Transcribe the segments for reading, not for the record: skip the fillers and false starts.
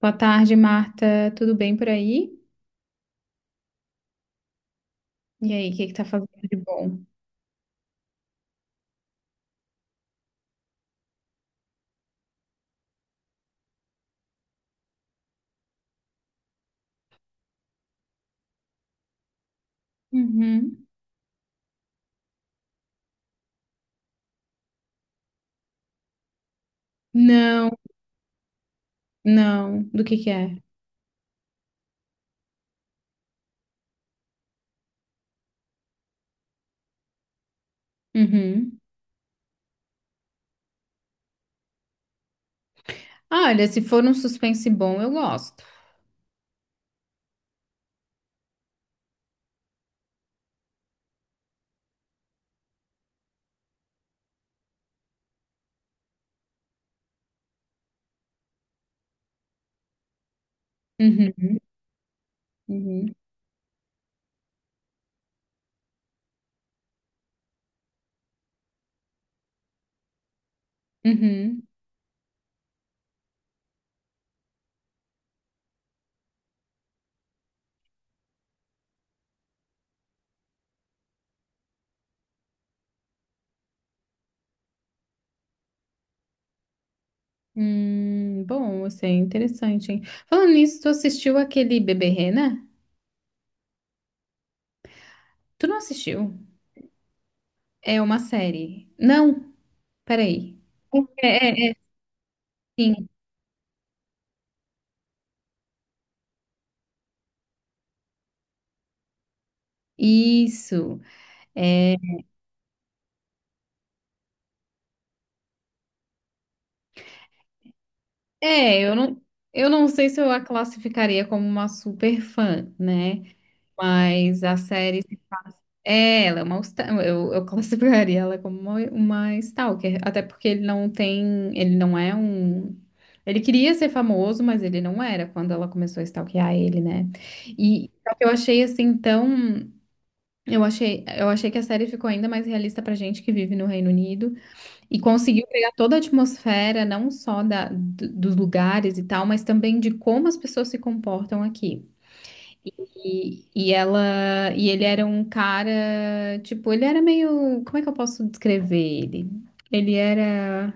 Boa tarde, Marta. Tudo bem por aí? E aí, o que que tá fazendo de bom? Uhum. Não, não. Do que é? Uhum. Ah, olha, se for um suspense bom, eu gosto. Uhum. Uhum. Uhum. Bom, assim, é interessante, hein? Falando nisso, tu assistiu aquele Bebê Rena? Tu não assistiu? É uma série. Não, peraí. É, é, é, sim. Isso. É, É, eu não, eu não sei se eu a classificaria como uma super fã, né? Mas a série, é, ela é uma, eu classificaria ela como uma stalker, até porque ele não é um, ele queria ser famoso, mas ele não era quando ela começou a stalkear ele, né? E só que eu achei assim tão, eu achei que a série ficou ainda mais realista pra gente que vive no Reino Unido. E conseguiu pegar toda a atmosfera, não só da, dos lugares e tal, mas também de como as pessoas se comportam aqui. E ele era um cara, tipo, ele era meio, como é que eu posso descrever ele? Ele era,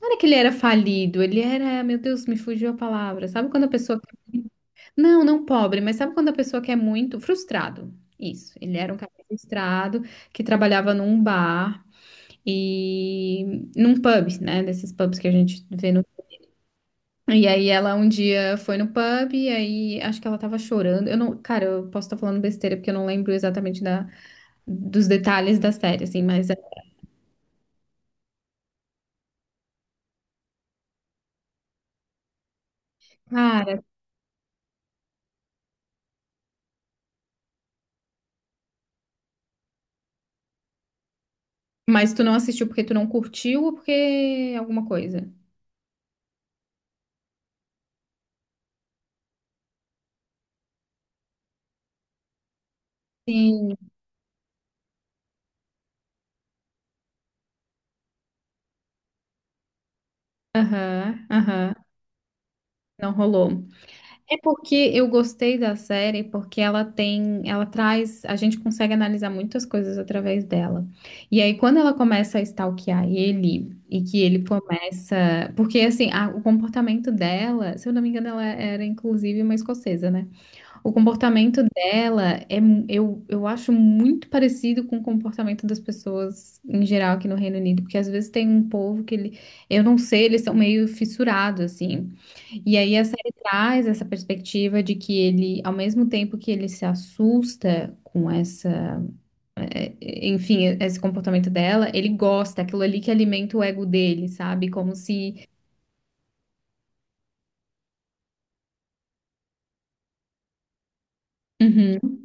não era que ele era falido, ele era, meu Deus, me fugiu a palavra. Sabe quando a pessoa, não, não pobre, mas sabe quando a pessoa quer muito, frustrado. Isso, ele era um cara frustrado que trabalhava num bar e num pub, né? Desses pubs que a gente vê no. E aí ela um dia foi no pub e aí acho que ela tava chorando. Eu não, cara, eu posso estar falando besteira porque eu não lembro exatamente da, dos detalhes da série, assim, mas é- cara, mas tu não assistiu porque tu não curtiu ou porque alguma coisa? Sim. Aham, aham, não rolou. É porque eu gostei da série porque ela traz, a gente consegue analisar muitas coisas através dela. E aí quando ela começa a stalkear ele e que ele começa, porque assim, o comportamento dela, se eu não me engano, ela era inclusive uma escocesa, né? O comportamento dela é, eu acho muito parecido com o comportamento das pessoas em geral aqui no Reino Unido, porque às vezes tem um povo que ele, eu não sei, eles são meio fissurados assim. E aí a série traz essa perspectiva de que ele, ao mesmo tempo que ele se assusta com essa, eh, enfim, esse comportamento dela, ele gosta, aquilo ali que alimenta o ego dele, sabe? Como se, uhum.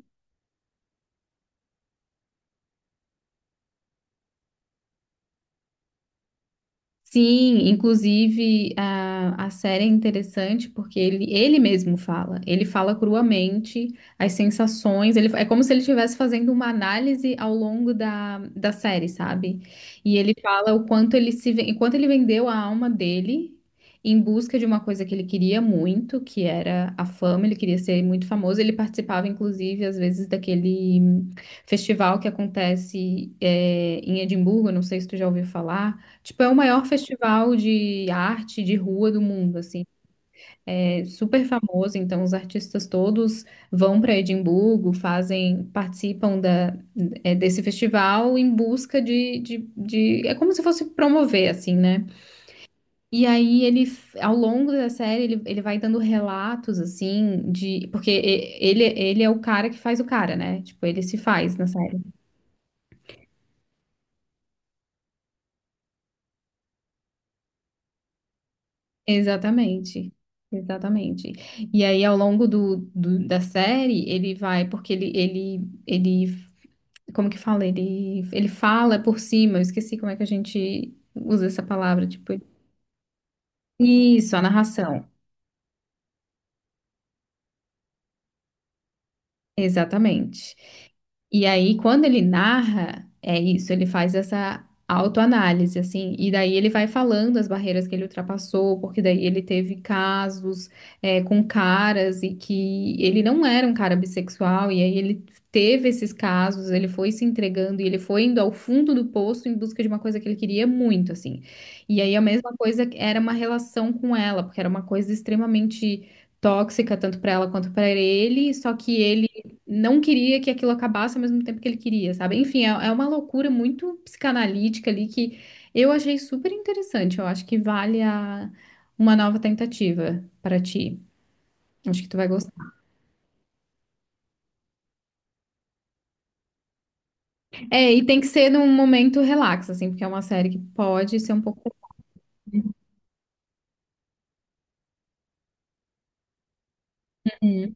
Sim, inclusive a série é interessante porque ele mesmo fala, ele fala cruamente as sensações, ele, é como se ele estivesse fazendo uma análise ao longo da, da série, sabe? E ele fala o quanto ele se, ven- o quanto ele vendeu a alma dele em busca de uma coisa que ele queria muito, que era a fama, ele queria ser muito famoso, ele participava inclusive às vezes daquele festival que acontece em Edimburgo, não sei se tu já ouviu falar. Tipo, é o maior festival de arte de rua do mundo, assim. É super famoso, então os artistas todos vão para Edimburgo, fazem, participam da, é, desse festival em busca de... É como se fosse promover, assim, né? E aí ele, ao longo da série, ele vai dando relatos, assim, de... Porque ele é o cara que faz o cara, né? Tipo, ele se faz na série. Exatamente, exatamente. E aí, ao longo do, da série, ele vai, porque ele, como que fala? Ele fala por cima, eu esqueci como é que a gente usa essa palavra, tipo, ele- isso, a narração. Exatamente. E aí, quando ele narra, é isso, ele faz essa autoanálise, assim, e daí ele vai falando as barreiras que ele ultrapassou, porque daí ele teve casos é, com caras e que ele não era um cara bissexual, e aí ele teve esses casos, ele foi se entregando e ele foi indo ao fundo do poço em busca de uma coisa que ele queria muito, assim. E aí a mesma coisa era uma relação com ela, porque era uma coisa extremamente tóxica tanto para ela quanto para ele, só que ele não queria que aquilo acabasse ao mesmo tempo que ele queria, sabe? Enfim, é uma loucura muito psicanalítica ali que eu achei super interessante. Eu acho que vale a, uma nova tentativa para ti. Acho que tu vai gostar. É, e tem que ser num momento relax, assim, porque é uma série que pode ser um pouco. Uhum,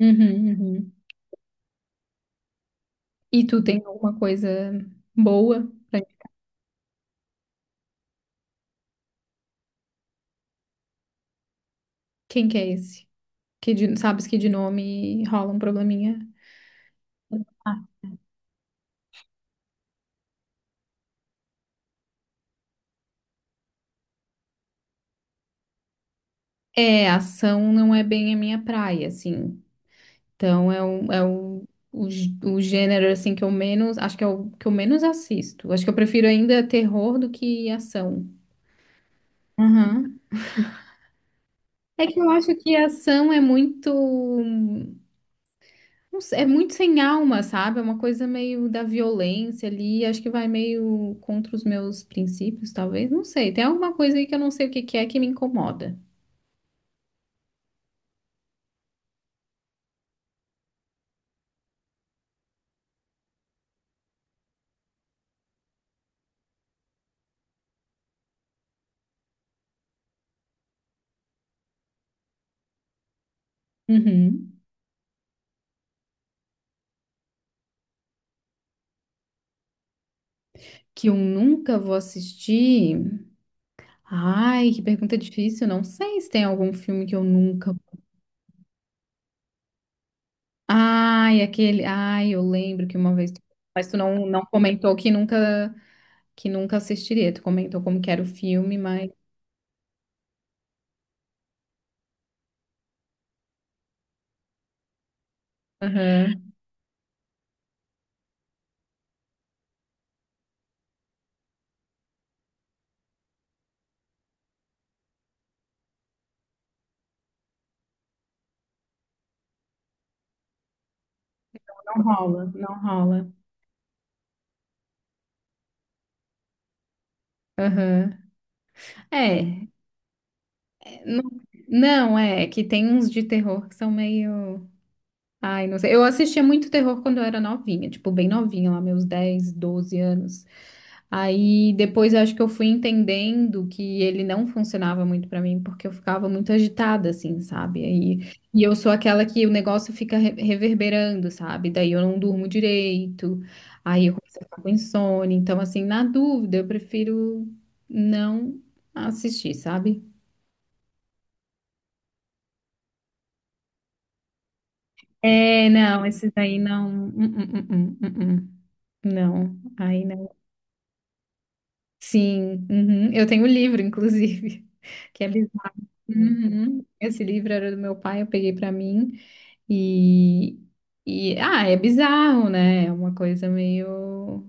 uhum, uhum. E tu tem alguma coisa boa pra mim? Quem que é esse? Que de- sabes que de nome rola um probleminha? Ah. É, ação não é bem a minha praia, assim. Então é um, o, gê- o gênero assim que eu menos, acho que é o que eu menos assisto. Acho que eu prefiro ainda terror do que ação. Aham. É que eu acho que ação é muito, não sei, é muito sem alma, sabe? É uma coisa meio da violência ali, acho que vai meio contra os meus princípios, talvez, não sei. Tem alguma coisa aí que eu não sei o que que é que me incomoda. Uhum. Que eu nunca vou assistir. Ai, que pergunta difícil. Não sei se tem algum filme que eu nunca. Ai, aquele. Ai, eu lembro que uma vez. Tu- Mas tu não, não comentou que nunca assistiria. Tu comentou como que era o filme, mas. Aham. Não rola, não rola. Aham. É. é, Não, não, é é que tem uns de terror que são meio. Ai, não sei. Eu assistia muito terror quando eu era novinha, tipo, bem novinha, lá, meus 10, 12 anos. Aí depois eu acho que eu fui entendendo que ele não funcionava muito pra mim, porque eu ficava muito agitada, assim, sabe? Aí, e eu sou aquela que o negócio fica reverberando, sabe? Daí eu não durmo direito, aí eu começo a ficar com insônia. Então, assim, na dúvida, eu prefiro não assistir, sabe? É, não, esses aí não. Hum, hum, hum. Não, aí não. Sim, uhum. Eu tenho o livro, inclusive, que é uhum. Esse livro era do meu pai, eu peguei pra mim e, e ah, é bizarro, né? É uma coisa meio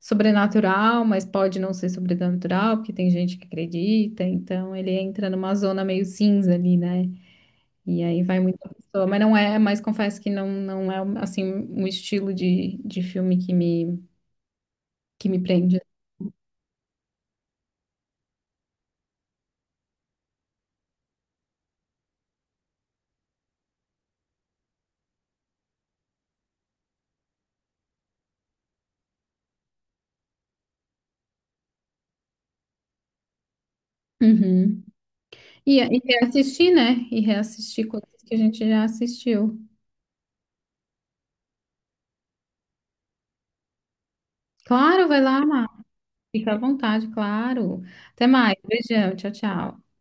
sobrenatural, mas pode não ser sobrenatural, porque tem gente que acredita, então ele entra numa zona meio cinza ali, né? E aí vai muita pessoa, mas não é, mas confesso que não, não é assim um estilo de filme que me prende. Uhum. E reassistir, né? E reassistir coisas que a gente já assistiu. Claro, vai lá. Fica à vontade, claro. Até mais. Beijão. Tchau, tchau.